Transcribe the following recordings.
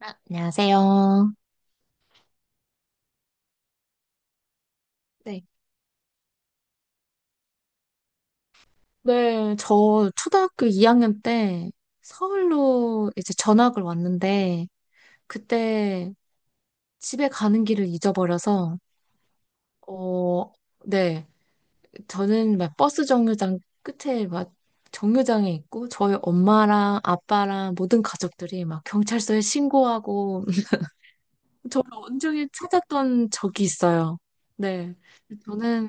아, 안녕하세요. 네. 네, 저 초등학교 2학년 때 서울로 이제 전학을 왔는데 그때 집에 가는 길을 잊어버려서 어, 네. 저는 막 버스 정류장 끝에 막 정류장에 있고 저희 엄마랑 아빠랑 모든 가족들이 막 경찰서에 신고하고 저를 온종일 찾았던 적이 있어요. 네. 저는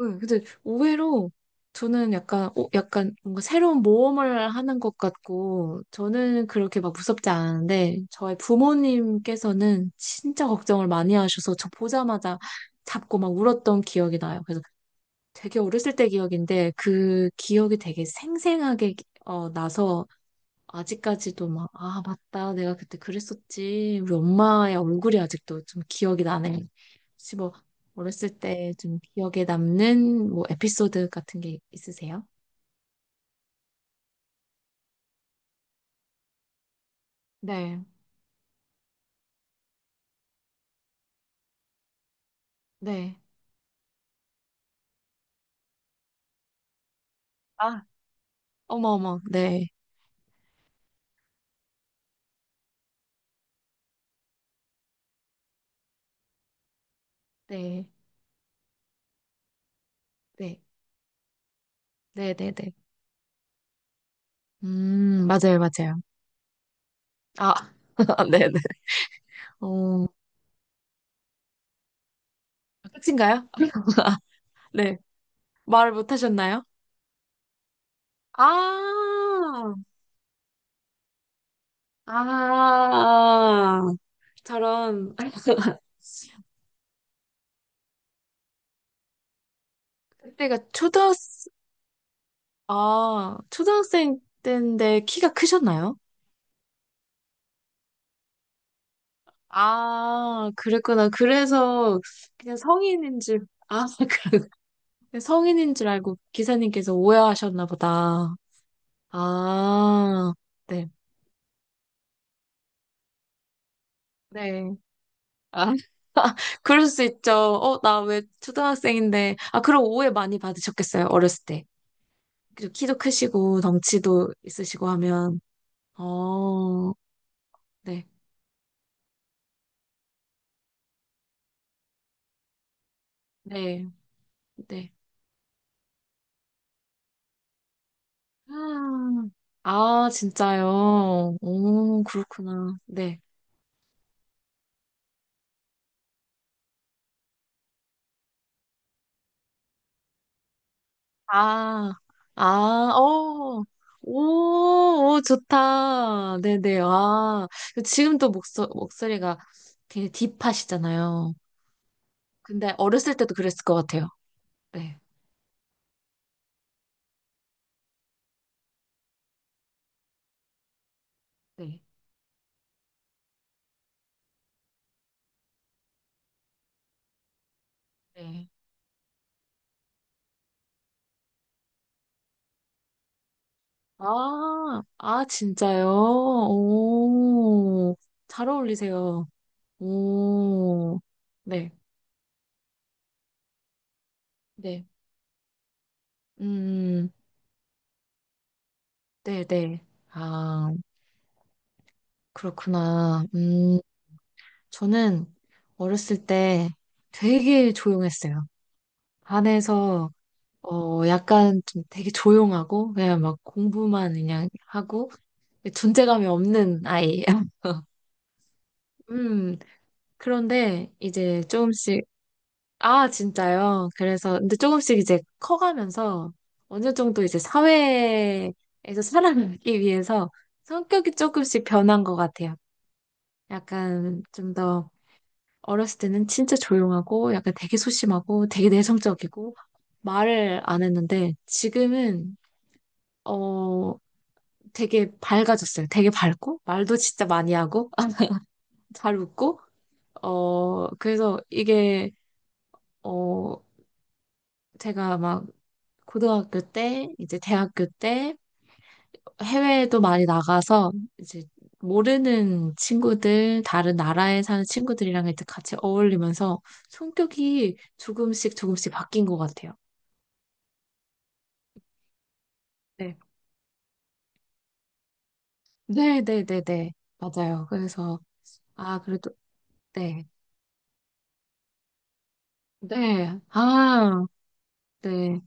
네, 근데 의외로 저는 약간 뭔가 새로운 모험을 하는 것 같고, 저는 그렇게 막 무섭지 않은데, 저의 부모님께서는 진짜 걱정을 많이 하셔서 저 보자마자 잡고 막 울었던 기억이 나요. 그래서 되게 어렸을 때 기억인데, 그 기억이 되게 생생하게 나서 아직까지도 막, 아, 맞다. 내가 그때 그랬었지. 우리 엄마의 얼굴이 아직도 좀 기억이 나네. 혹시 뭐, 어렸을 때 좀 기억에 남는 뭐 에피소드 같은 게 있으세요? 네, 네. 아, 어머, 어머. 네, 네, 네, 네, 네, 네. 맞아요, 맞아요. 아, 네, 네. 어, 끝인가요? 네. 말을 못 하셨나요? 아, 아, 저런. 그때가 초등학생 때인데 키가 크셨나요? 아, 그랬구나. 그래서 그냥 성인인 줄, 아, 그래. 성인인 줄 알고 기사님께서 오해하셨나 보다. 아, 네. 네. 아, 그럴 수 있죠. 어, 나 왜 초등학생인데. 아, 그럼 오해 많이 받으셨겠어요, 어렸을 때. 그리고 키도 크시고, 덩치도 있으시고 하면. 어, 네. 네. 네. 음. 아, 진짜요? 오, 그렇구나. 네. 아, 아, 어. 오, 오, 좋다. 네네. 아, 그 지금 또 목소리가 되게 딥하시잖아요. 근데 어렸을 때도 그랬을 것 같아요. 네, 네, 네. 아, 아, 진짜요? 오, 잘 어울리세요. 오, 네, 네. 음, 네, 네. 아. 그렇구나. 저는 어렸을 때 되게 조용했어요. 반에서, 약간 좀 되게 조용하고, 그냥 막 공부만 그냥 하고, 존재감이 없는 아이. 음, 그런데 이제 조금씩, 아, 진짜요? 그래서, 근데 조금씩 이제 커가면서 어느 정도 이제 사회에서 살아가기 위해서 성격이 조금씩 변한 것 같아요. 약간 좀 더, 어렸을 때는 진짜 조용하고 약간 되게 소심하고 되게 내성적이고 말을 안 했는데 지금은 어 되게 밝아졌어요. 되게 밝고 말도 진짜 많이 하고 잘 웃고 그래서 이게 어 제가 막 고등학교 때 이제 대학교 때 해외에도 많이 나가서 이제 모르는 친구들 다른 나라에 사는 친구들이랑 이제 같이 어울리면서 성격이 조금씩 조금씩 바뀐 것 같아요. 네. 네, 네, 네, 네. 맞아요. 그래서, 아, 그래도, 네. 네. 아, 네.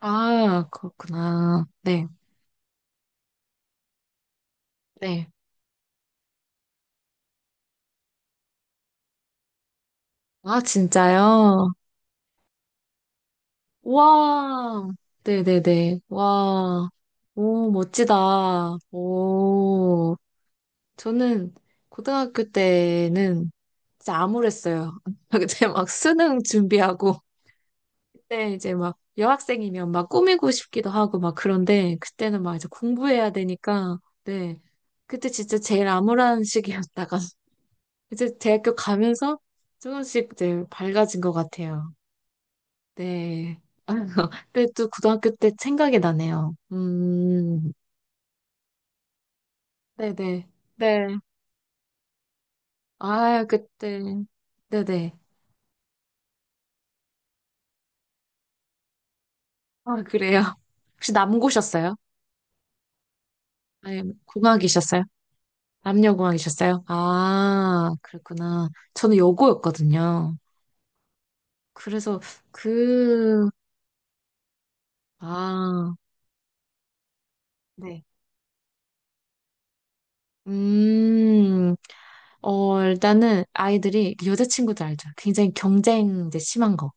아, 그렇구나. 네, 네. 아, 진짜요? 와. 네, 네, 네. 와. 오, 멋지다. 오. 저는 고등학교 때는 진짜 암울했어요. 그때 막 수능 준비하고 그때 이제 막 여학생이면 막 꾸미고 싶기도 하고 막 그런데 그때는 막 이제 공부해야 되니까 네. 그때 진짜 제일 암울한 시기였다가 이제 대학교 가면서 조금씩 이제 밝아진 것 같아요. 네. 근데 또 고등학교 때 생각이 나네요. 음. 네네. 네. 아, 그때. 네네. 아, 그래요. 혹시 남고셨어요? 아니, 공학이셨어요? 남녀공학이셨어요? 아, 그랬구나. 저는 여고였거든요. 그래서 그, 아, 네. 음, 어, 일단은 아이들이 여자친구들 알죠? 굉장히 경쟁 이제 심한 거.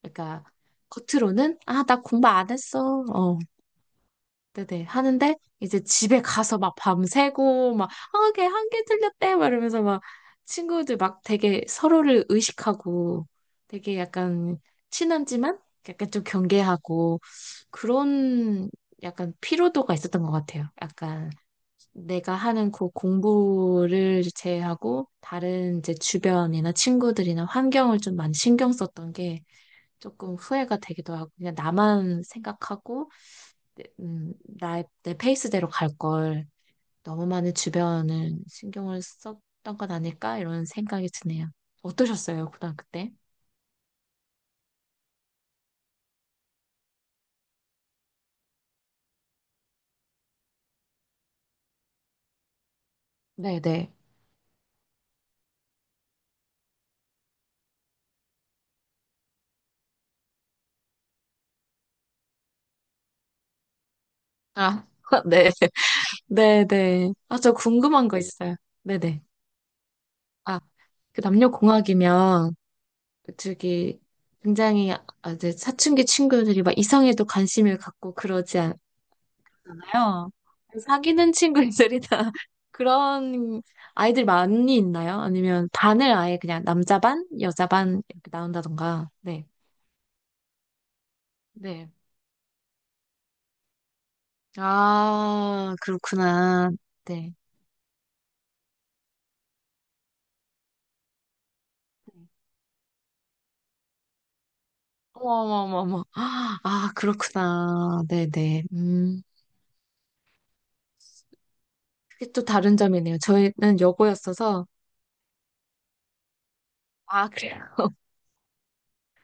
그러니까 겉으로는, 아, 나 공부 안 했어. 어, 네네. 하는데 이제 집에 가서 막 밤새고 막 아, 걔 한 개 틀렸대 막 이러면서 막 친구들 막 되게 서로를 의식하고 되게 약간 친하지만 약간 좀 경계하고 그런 약간 피로도가 있었던 것 같아요. 약간 내가 하는 그 공부를 제외하고 다른 이제 주변이나 친구들이나 환경을 좀 많이 신경 썼던 게 조금 후회가 되기도 하고 그냥 나만 생각하고 내- 음, 내 페이스대로 갈 걸 너무 많은 주변을 신경을 썼던 건 아닐까? 이런 생각이 드네요. 어떠셨어요, 고등학교 때? 네네. 아, 네. 네네. 아, 저 궁금한 거 있어요. 네네. 아, 그 남녀공학이면, 저기, 굉장히, 아, 이제 사춘기 친구들이 막 이성에도 관심을 갖고 그러지 있아요 사귀는 친구들이나 그런 아이들 많이 있나요? 아니면 반을 아예 그냥 남자 반, 여자 반 이렇게 나온다던가. 네. 네. 아, 그렇구나. 네. 어머머머머. 아, 그렇구나. 네네. 음. 그게 또 다른 점이네요. 저희는 여고였어서. 아, 그래요?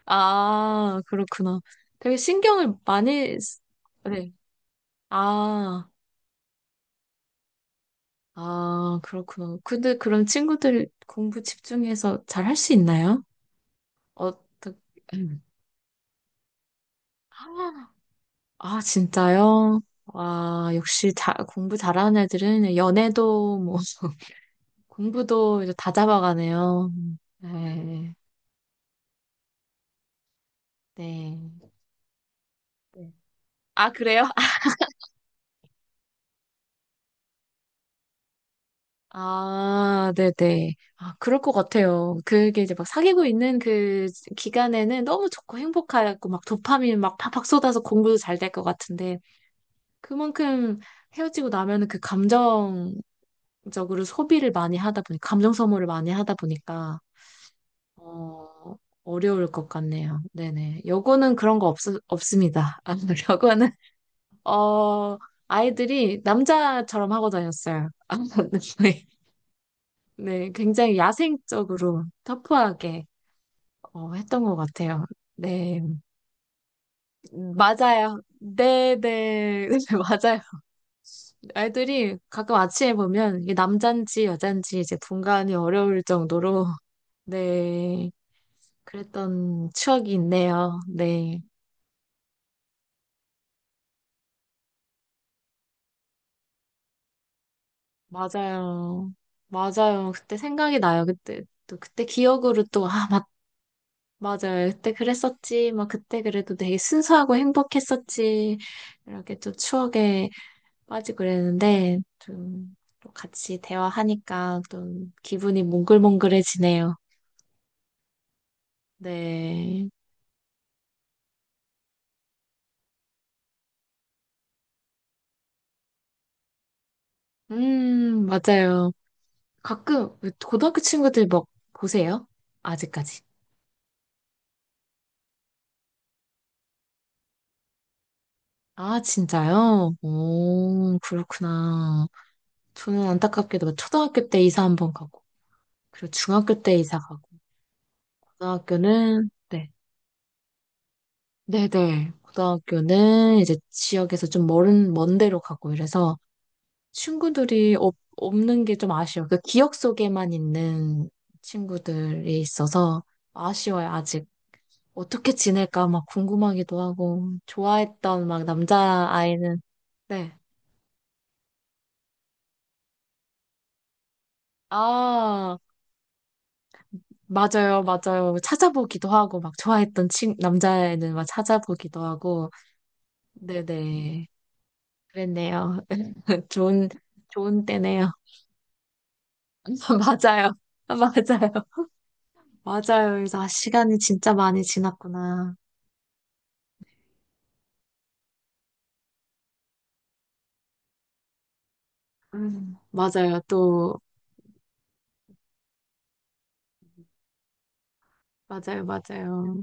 아, 그렇구나. 되게 신경을 많이. 네. 아. 아, 그렇구나. 근데 그럼 친구들 공부 집중해서 잘 할 수 있나요? 어떻게, 아, 아, 진짜요? 와, 역시 자, 공부 잘하는 애들은 연애도 뭐, 공부도 이제 다 잡아가네요. 네, 네. 네. 아, 그래요? 아, 네네. 아, 그럴 것 같아요. 그게 이제 막 사귀고 있는 그 기간에는 너무 좋고 행복하고 막 도파민 막 팍팍 쏟아서 공부도 잘 될 것 같은데. 그만큼 헤어지고 나면은 그 감정적으로 소비를 많이 하다 보니, 감정 소모를 많이 하다 보니까, 어, 어려울 것 같네요. 네네. 여고는 그런 거 없, 없습니다. 아, 여고는, 어, 아이들이 남자처럼 하고 다녔어요. 아, 네, 네, 굉장히 야생적으로 터프하게 했던 것 같아요. 네, 맞아요. 네네, 맞아요. 애들이 가끔 아침에 보면 이게 남잔지 여잔지 이제 분간이 어려울 정도로 네 그랬던 추억이 있네요. 네 맞아요 맞아요 그때 생각이 나요 그때 또 그때 기억으로 또 아 맞 맞아요 그때 그랬었지 막 그때 그래도 되게 순수하고 행복했었지 이렇게 또 추억에 빠지고 그랬는데 좀 또 같이 대화하니까 좀 기분이 몽글몽글해지네요. 네. 맞아요. 가끔 고등학교 친구들 막 보세요? 아직까지. 아, 진짜요? 오, 그렇구나. 저는 안타깝게도 막 초등학교 때 이사 한번 가고, 그리고 중학교 때 이사 가고, 고등학교는, 네. 네네. 고등학교는 이제 지역에서 좀 먼 데로 가고 이래서 없는 게 좀 아쉬워요. 그 기억 속에만 있는 친구들이 있어서 아쉬워요, 어떻게 지낼까 막 궁금하기도 하고 좋아했던 막 남자아이는 네. 아, 맞아요. 맞아요. 찾아보기도 하고 막 좋아했던 친 남자애는 막 찾아보기도 하고 네네. 그랬네요. 좋은 좋은 때네요. 맞아요. 맞아요. 맞아요. 그래서 아, 시간이 진짜 많이 지났구나. 맞아요. 또 맞아요. 맞아요.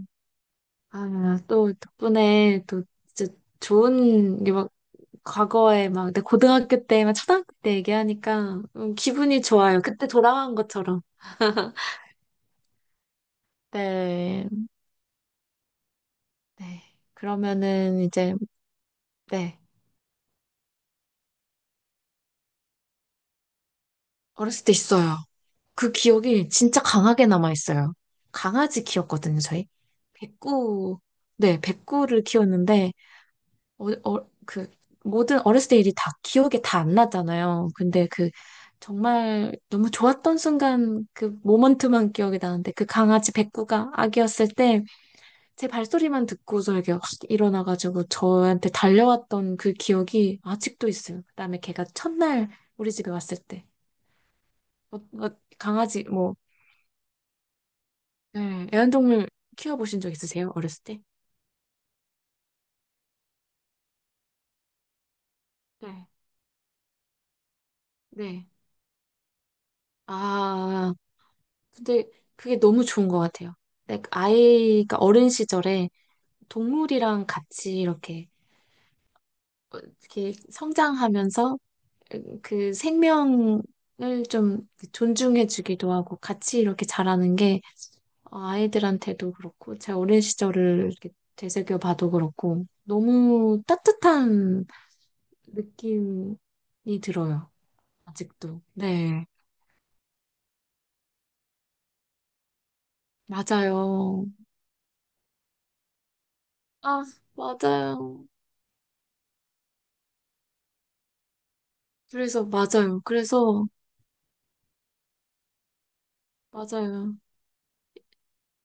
아, 또 덕분에 또 진짜 좋은 과거에 막 내 고등학교 때, 막 초등학교 때 얘기하니까 기분이 좋아요. 그때 돌아간 것처럼. 네. 네. 그러면은 이제, 네. 어렸을 때 있어요. 그 기억이 진짜 강하게 남아있어요. 강아지 키웠거든요, 저희. 백구, 네, 백구를 키웠는데, 어, 어, 그, 모든 어렸을 때 일이 다 기억에 다 안 나잖아요. 근데 그, 정말 너무 좋았던 순간 그 모먼트만 기억이 나는데, 그 강아지 백구가 아기였을 때, 제 발소리만 듣고서 이렇게 확 일어나가지고 저한테 달려왔던 그 기억이 아직도 있어요. 그다음에 걔가 첫날 우리 집에 왔을 때. 어, 어, 강아지, 뭐, 네, 애완동물 키워보신 적 있으세요? 어렸을 때? 네. 네. 아, 근데 그게 너무 좋은 것 같아요. 네, 아이가 어린 시절에 동물이랑 같이 이렇게, 이렇게 성장하면서 그 생명을 좀 존중해주기도 하고 같이 이렇게 자라는 게 아이들한테도 그렇고, 제 어린 시절을 이렇게 되새겨 봐도 그렇고, 너무 따뜻한 느낌이 들어요. 아직도. 네. 맞아요. 아, 맞아요. 그래서, 맞아요. 그래서, 맞아요.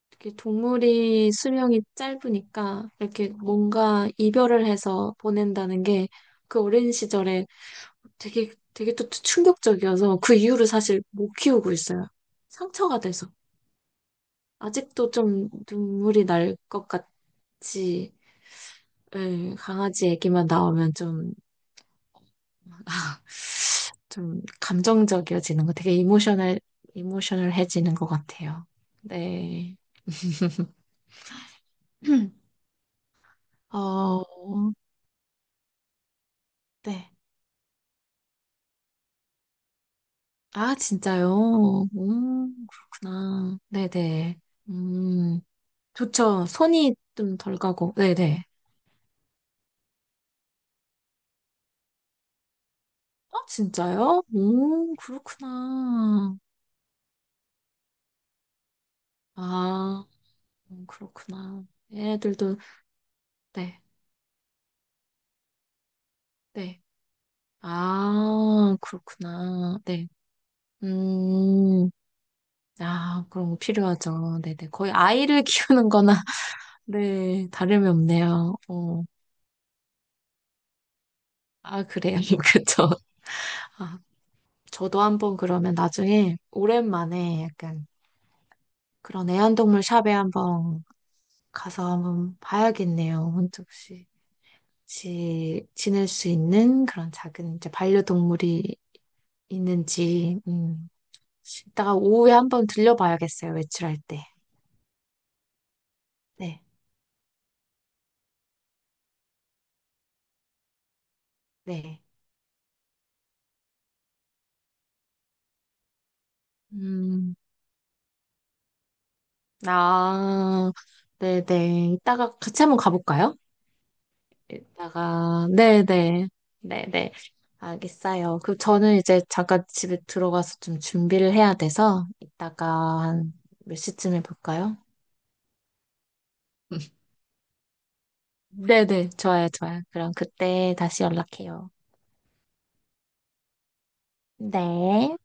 이렇게 동물이 수명이 짧으니까, 이렇게 뭔가 이별을 해서 보낸다는 게, 그 어린 시절에 되게 또 충격적이어서, 그 이후로 사실 못 키우고 있어요. 상처가 돼서. 아직도 좀 눈물이 날 것 같지. 예, 강아지 얘기만 나오면 좀, 좀 감정적이어지는 거 되게 이모셔널해지는 것 같아요. 네. 어, 네. 아, 진짜요? 그렇구나. 네네. 음, 좋죠. 손이 좀 덜 가고. 네네. 어, 진짜요? 그렇구나. 아, 그렇구나. 애들도, 네. 네. 아, 그렇구나. 네. 음, 아, 그런 거 필요하죠. 네네. 거의 아이를 키우는 거나, 네, 다름이 없네요. 아, 그래요. 그쵸. 아, 저도 한번 그러면 나중에 오랜만에 약간 그런 애완동물 샵에 한번 가서 한번 봐야겠네요. 혼자 혹 지낼 수 있는 그런 작은 이제 반려동물이 있는지, 이따가 오후에 한번 들려봐야겠어요. 외출할 때. 네, 네. 음, 아, 네네. 이따가 같이 한번 가볼까요? 이따가, 네네. 네네. 알겠어요. 그 저는 이제 잠깐 집에 들어가서 좀 준비를 해야 돼서 이따가 한 몇 시쯤에 볼까요? 네네. 좋아요, 좋아요. 그럼 그때 다시 연락해요. 네.